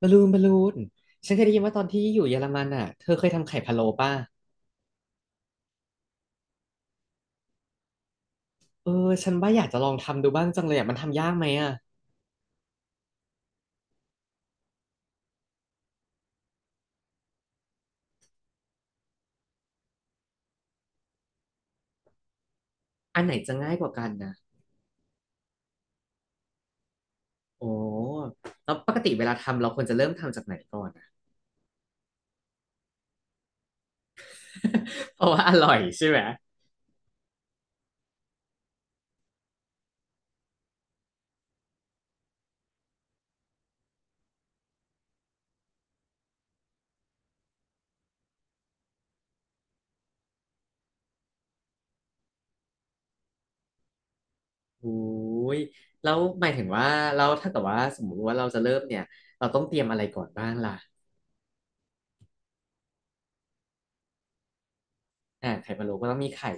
บอลลูนบอลลูนฉันเคยได้ยินว่าตอนที่อยู่เยอรมันอ่ะเธอเคยทำไข่พะโล้ป่ะเออฉันว่าอยากจะลองทำดูบ้างจังเลยอ่ะมันทำยากไหมอ่ะอันไหนจะง่ายกว่ากันนะโอ้แล้วปกติเวลาทำเราควรจะเริ่มทำจากไหนก่อนอะ เพราะว่าอร่อยใช่ไหมโอ้ยแล้วหมายถึงว่าเราถ้าเกิดว่าสมมติว่าเราจะเริ่มเนี่ยเราต้องเตรียมอะไรก่อนบ้างล่ะอ่าไข่พะโล้ก็ต้องมีไข่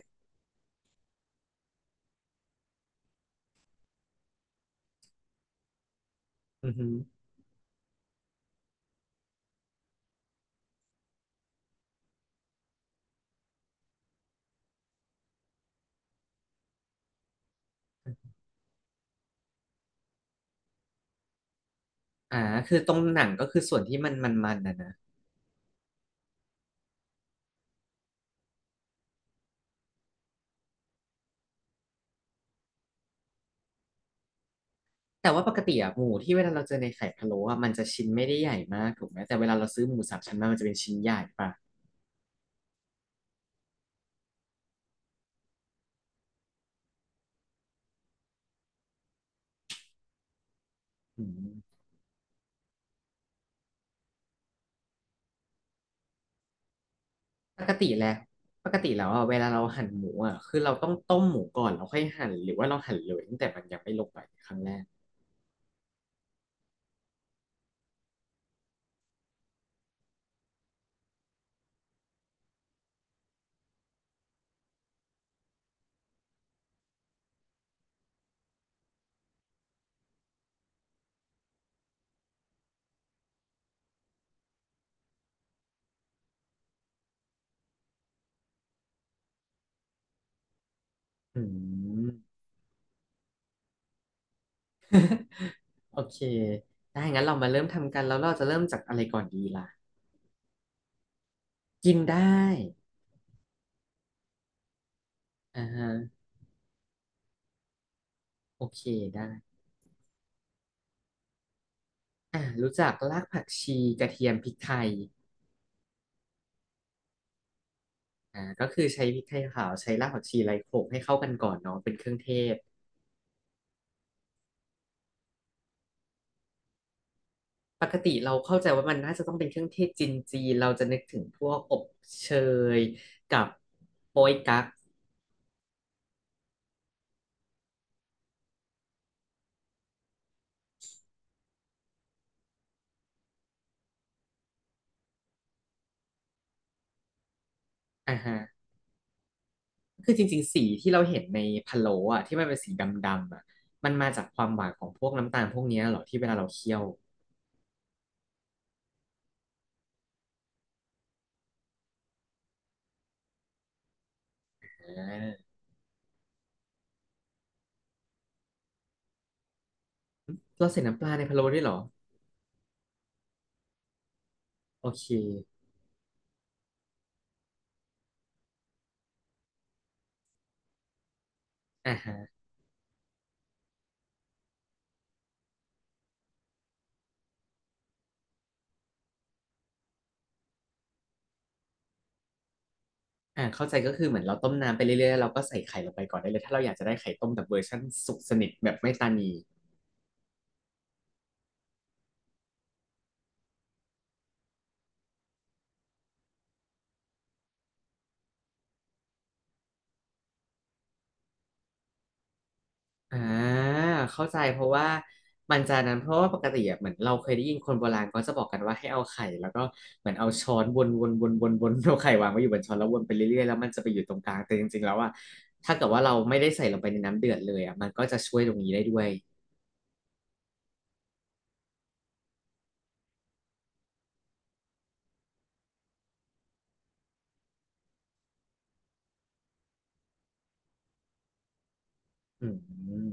อือฮึอ่าคือตรงหนังก็คือส่วนที่มันนะนะ แต่ว่าปกติอะหมูที่เวลาเราเจอในไข่พะโล้อะมันจะชิ้นไม่ได้ใหญ่มากถูกไหมแต่เวลาเราซื้อหมูสามชั้นมามันจะเป็นชิ้นใหญ่ป่ะอืมปกติแล้วปกติแล้วอะเวลาเราหั่นหมูอะคือเราต้องต้มหมูก่อนแล้วค่อยหั่นหรือว่าเราหั่นเลยตั้งแต่มันยังไม่ลงไปครั้งแรกอืมโอเคได้งั้นเรามาเริ่มทำกันแล้วเราจะเริ่มจากอะไรก่อนดีล่ะกินได้อ่าฮะโอเคได้อ่ะรู้จักรากผักชีกระเทียมพริกไทย อ่าก็คือใช้พริกไทยขาวใช้รากผักชีไลโขกให้เข้ากันก่อนเนาะเป็นเครื่องเทศปกติเราเข้าใจว่ามันน่าจะต้องเป็นเครื่องเทศจีนจีนเราจะนึกถึงพวกอบเชยกับโป๊ยกั๊กอ่าฮะคือจริงๆสีที่เราเห็นในพะโล้อะที่มันเป็นสีดำๆอะมันมาจากความหวานของพวกน้ำตาลพวกเนี้ยเหรอที่เวลาเราเคี่ยวอ่าเราใส่น้ำปลาในพะโล้ด้วยเหรอโอเคอ่าฮะอ่าเข้าใจก็คือเหมือนเราต้มน้ำไปเรื่อยๆแล้วเราก็ใส่ไข่ลงไปก่อนได้เลยถ้าเราอยากจะได้ไข่ต้มแบบเวอร์ชันสุกสนิทแบบไม่ตานี อ่าเข้าใจเพราะว่ามันจะนั้นเพราะว่าปกติอะเหมือนเราเคยได้ยินคนโบราณเขาจะบอกกันว่าให้เอาไข่แล้วก็เหมือนเอาช้อนวนเอาไข่วางไว้อยู่บนช้อนแล้ววนไปเรื่อยๆแล้วมันจะไปอยู่ตรงกลางแต่จริงๆแล้วอ่ะถ้าเกิดว่าเราไม่ได้ใส่ลงไปในน้ำเดือดเลยอ่ะมันก็จะช่วยตรงนี้ได้ด้วยอืม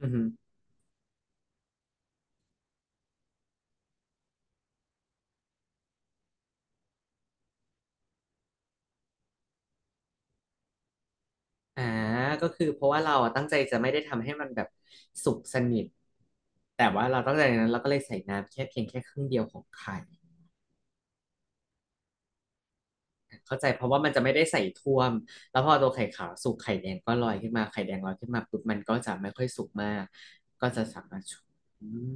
อืมอหืออ่าก็คือเพราะว่าเราอะตั้งใจจะไม่ได้ทำให้มันแบบสุกสนิทแต่ว่าเราตั้งใจนั้นเราก็เลยใส่น้ำแค่เพียงแค่ครึ่งเดียวของไข่ เข้าใจเพราะว่ามันจะไม่ได้ใส่ท่วมแล้วพอตัวไข่ขาวสุกไข่แดงก็ลอยขึ้นมาไข่แดงลอยขึ้นมาปุ๊บมันก็จะไม่ค่อยสุกมากก็จะสามารถชุบอม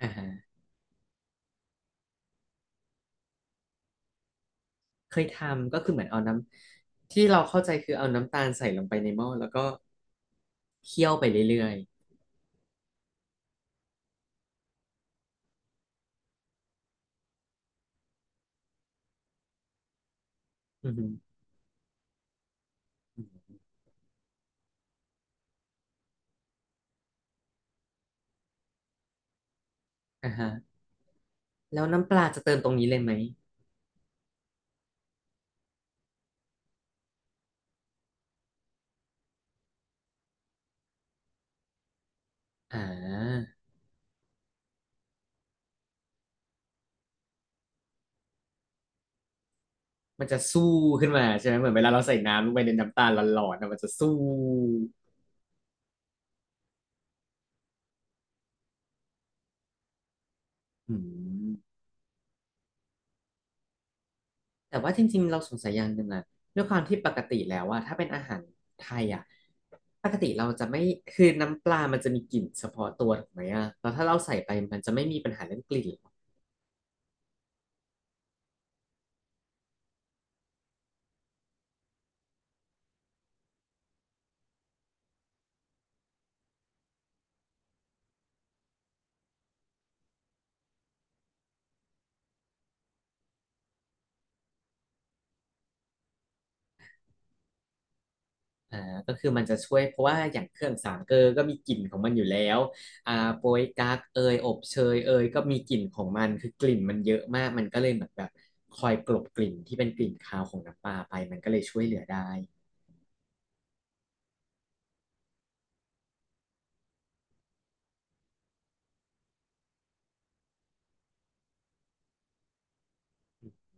อ่าฮะเคยทำก็คือเหมือนเอาน้ำที่เราเข้าใจคือเอาน้ำตาลใส่ลงไปในหม้อแล้วก็เคี่ยวไปเรื่อยๆอือฮึอ่าฮะแล้วน้ำปลาจะเติมตรงนี้เลยไหมอ่ามันจะสู้ขึ้นมาใช่ไหมเหมือนเวลาเราใส่น้ำลงไปในน้ำตาลหลอนๆนะมันจะสู้อืม แต่ว่าจริงๆเราสงสัยอย่างหนึ่งอะด้วยความที่ปกติแล้วว่าถ้าเป็นอาหารไทยอะปกติเราจะไม่คือน้ำปลามันจะมีกลิ่นเฉพาะตัวถูกไหมอะแล้วถ้าเราใส่ไปมันจะไม่มีปัญหาเรื่องกลิ่นหรออ่าก็คือมันจะช่วยเพราะว่าอย่างเครื่องสามเกลอก็มีกลิ่นของมันอยู่แล้วอ่าโป๊ยกั๊กเอยอบเชยเอยก็มีกลิ่นของมันคือกลิ่นมันเยอะมากมันก็เลยเหมือนแบบคอยกลบกลิ่นที่เป็นกลิ่นคาวของน้ำปลาไปมันก็เลยช่วยเหลือได้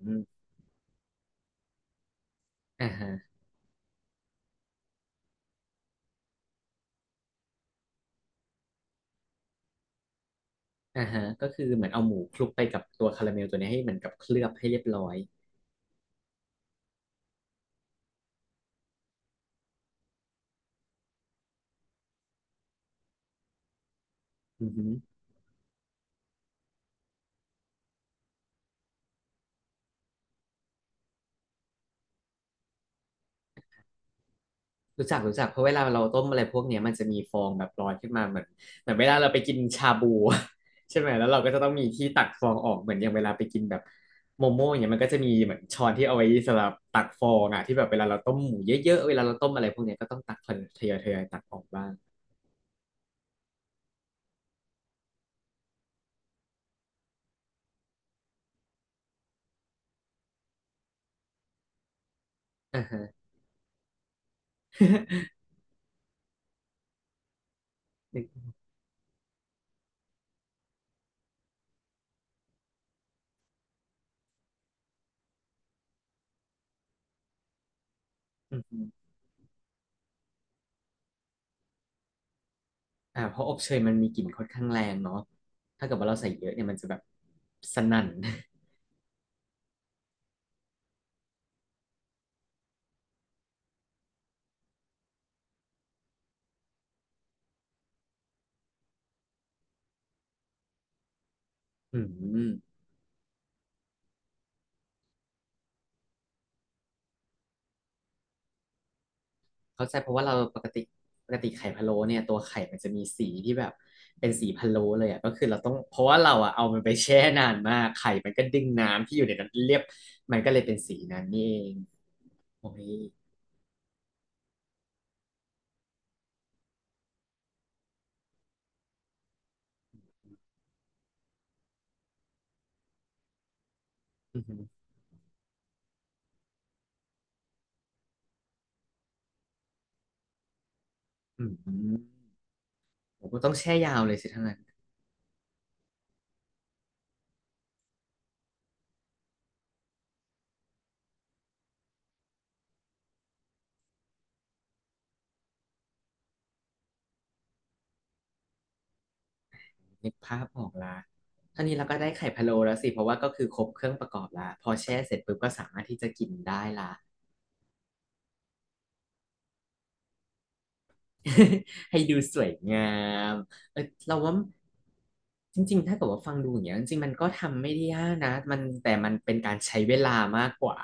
อืมอ่าฮะ อ่าฮะก็คือเหมือนเอาหมูคลุกไปกับตัวคาราเมลตัวเนี้ยให้เหมือนกับเคลือบให้เรียบร้อยอือฮึรู้จักเพราะเวลาเราต้มอะไรพวกเนี้ยมันจะมีฟองแบบลอยขึ้นมาเหมือนเวลาเราไปกินชาบู ใช่ไหมแล้วเราก็จะต้องมีที่ตักฟองออกเหมือนอย่างเวลาไปกินแบบโมโม่อย่างเงี้ยมันก็จะมีเหมือนช้อนที่เอาไว้สำหรับตักฟองอ่ะที่แบบเวลาเราต้มหมูเยอะๆเวลาเราต้มอะไรพวกเนี้ยก็ต้องตักทยอยตักออกบ้างอ่าฮะ อ่าเพราะอบเชยมันมีกลิ่นค่อนข้างแรงเนาะถ้าเกิดว่าเราใส่เยอะเนี่ยมันจะแบบสนั่นอืมเข้าใจเพราะว่าเราปกติไข่พะโล้เนี่ยตัวไข่มันจะมีสีที่แบบเป็นสีพะโล้เลยอ่ะก็คือเราต้องเพราะว่าเราอ่ะเอามันไปแช่นานมากไข่มันก็ดึงน้ำที่อยู่ในนั้นเรียบมันก็เลยเป็นสีนั้นนี่เองโอ้ยอืมอหืออืมผมก็ต้องแช่ยาวเลยสิทั้างนั้น นึกภาพออกละเท่านี้เราก็ได้ไข่พะโล้แล้วสิ เพราะว่าก็คือครบเครื่องประกอบละพอแช่เสร็จปุ๊บก็สามารถที่จะกินได้ละ ให้ดูสวยงามเออเราว่าจริงๆถ้าเกิดว่าฟังดูอย่างเงี้ยจริงๆมันก็ทำไม่ได้ยากนะมันแต่มันเป็นการใช้เวลามากกว่า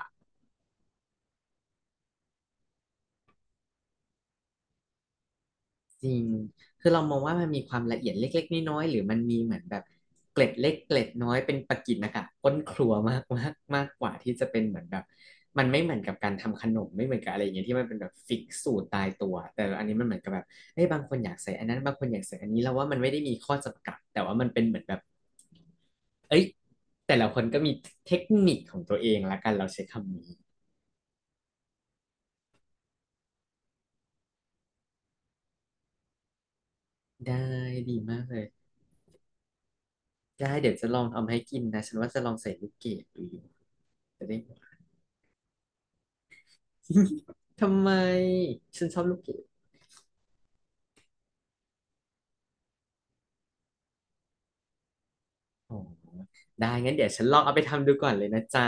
จริงคือเรามองว่ามันมีความละเอียดเล็กๆน้อยๆหรือมันมีเหมือนแบบเกล็ดเล็กเกล็ดน้อยเป็นประกิณนะคะก้นครัวมากมากมากกว่าที่จะเป็นเหมือนแบบมันไม่เหมือนกับการทำขนมไม่เหมือนกับอะไรอย่างเงี้ยที่มันเป็นแบบฟิกสูตรตายตัวแต่อันนี้มันเหมือนกับแบบเอ้ยบางคนอยากใส่อันนั้นบางคนอยากใส่อันนี้เราว่ามันไม่ได้มีข้อจำกัดแต่ว่ามันเป็นเหมือนแบบเอ้ยแต่ละคนก็มีเทคนิคของตัวเองละกันเราใช้คำนี้ได้ดีมากเลยได้เดี๋ยวจะลองทำให้กินนะฉันว่าจะลองใส่ลูกเกดดูอยู่จะได้ ทำไมฉันชอบลูกเกดอ๋อได้งั้นเดี๋ยวฉันลองเอาไปทำดูก่อนเลยนะจ๊ะ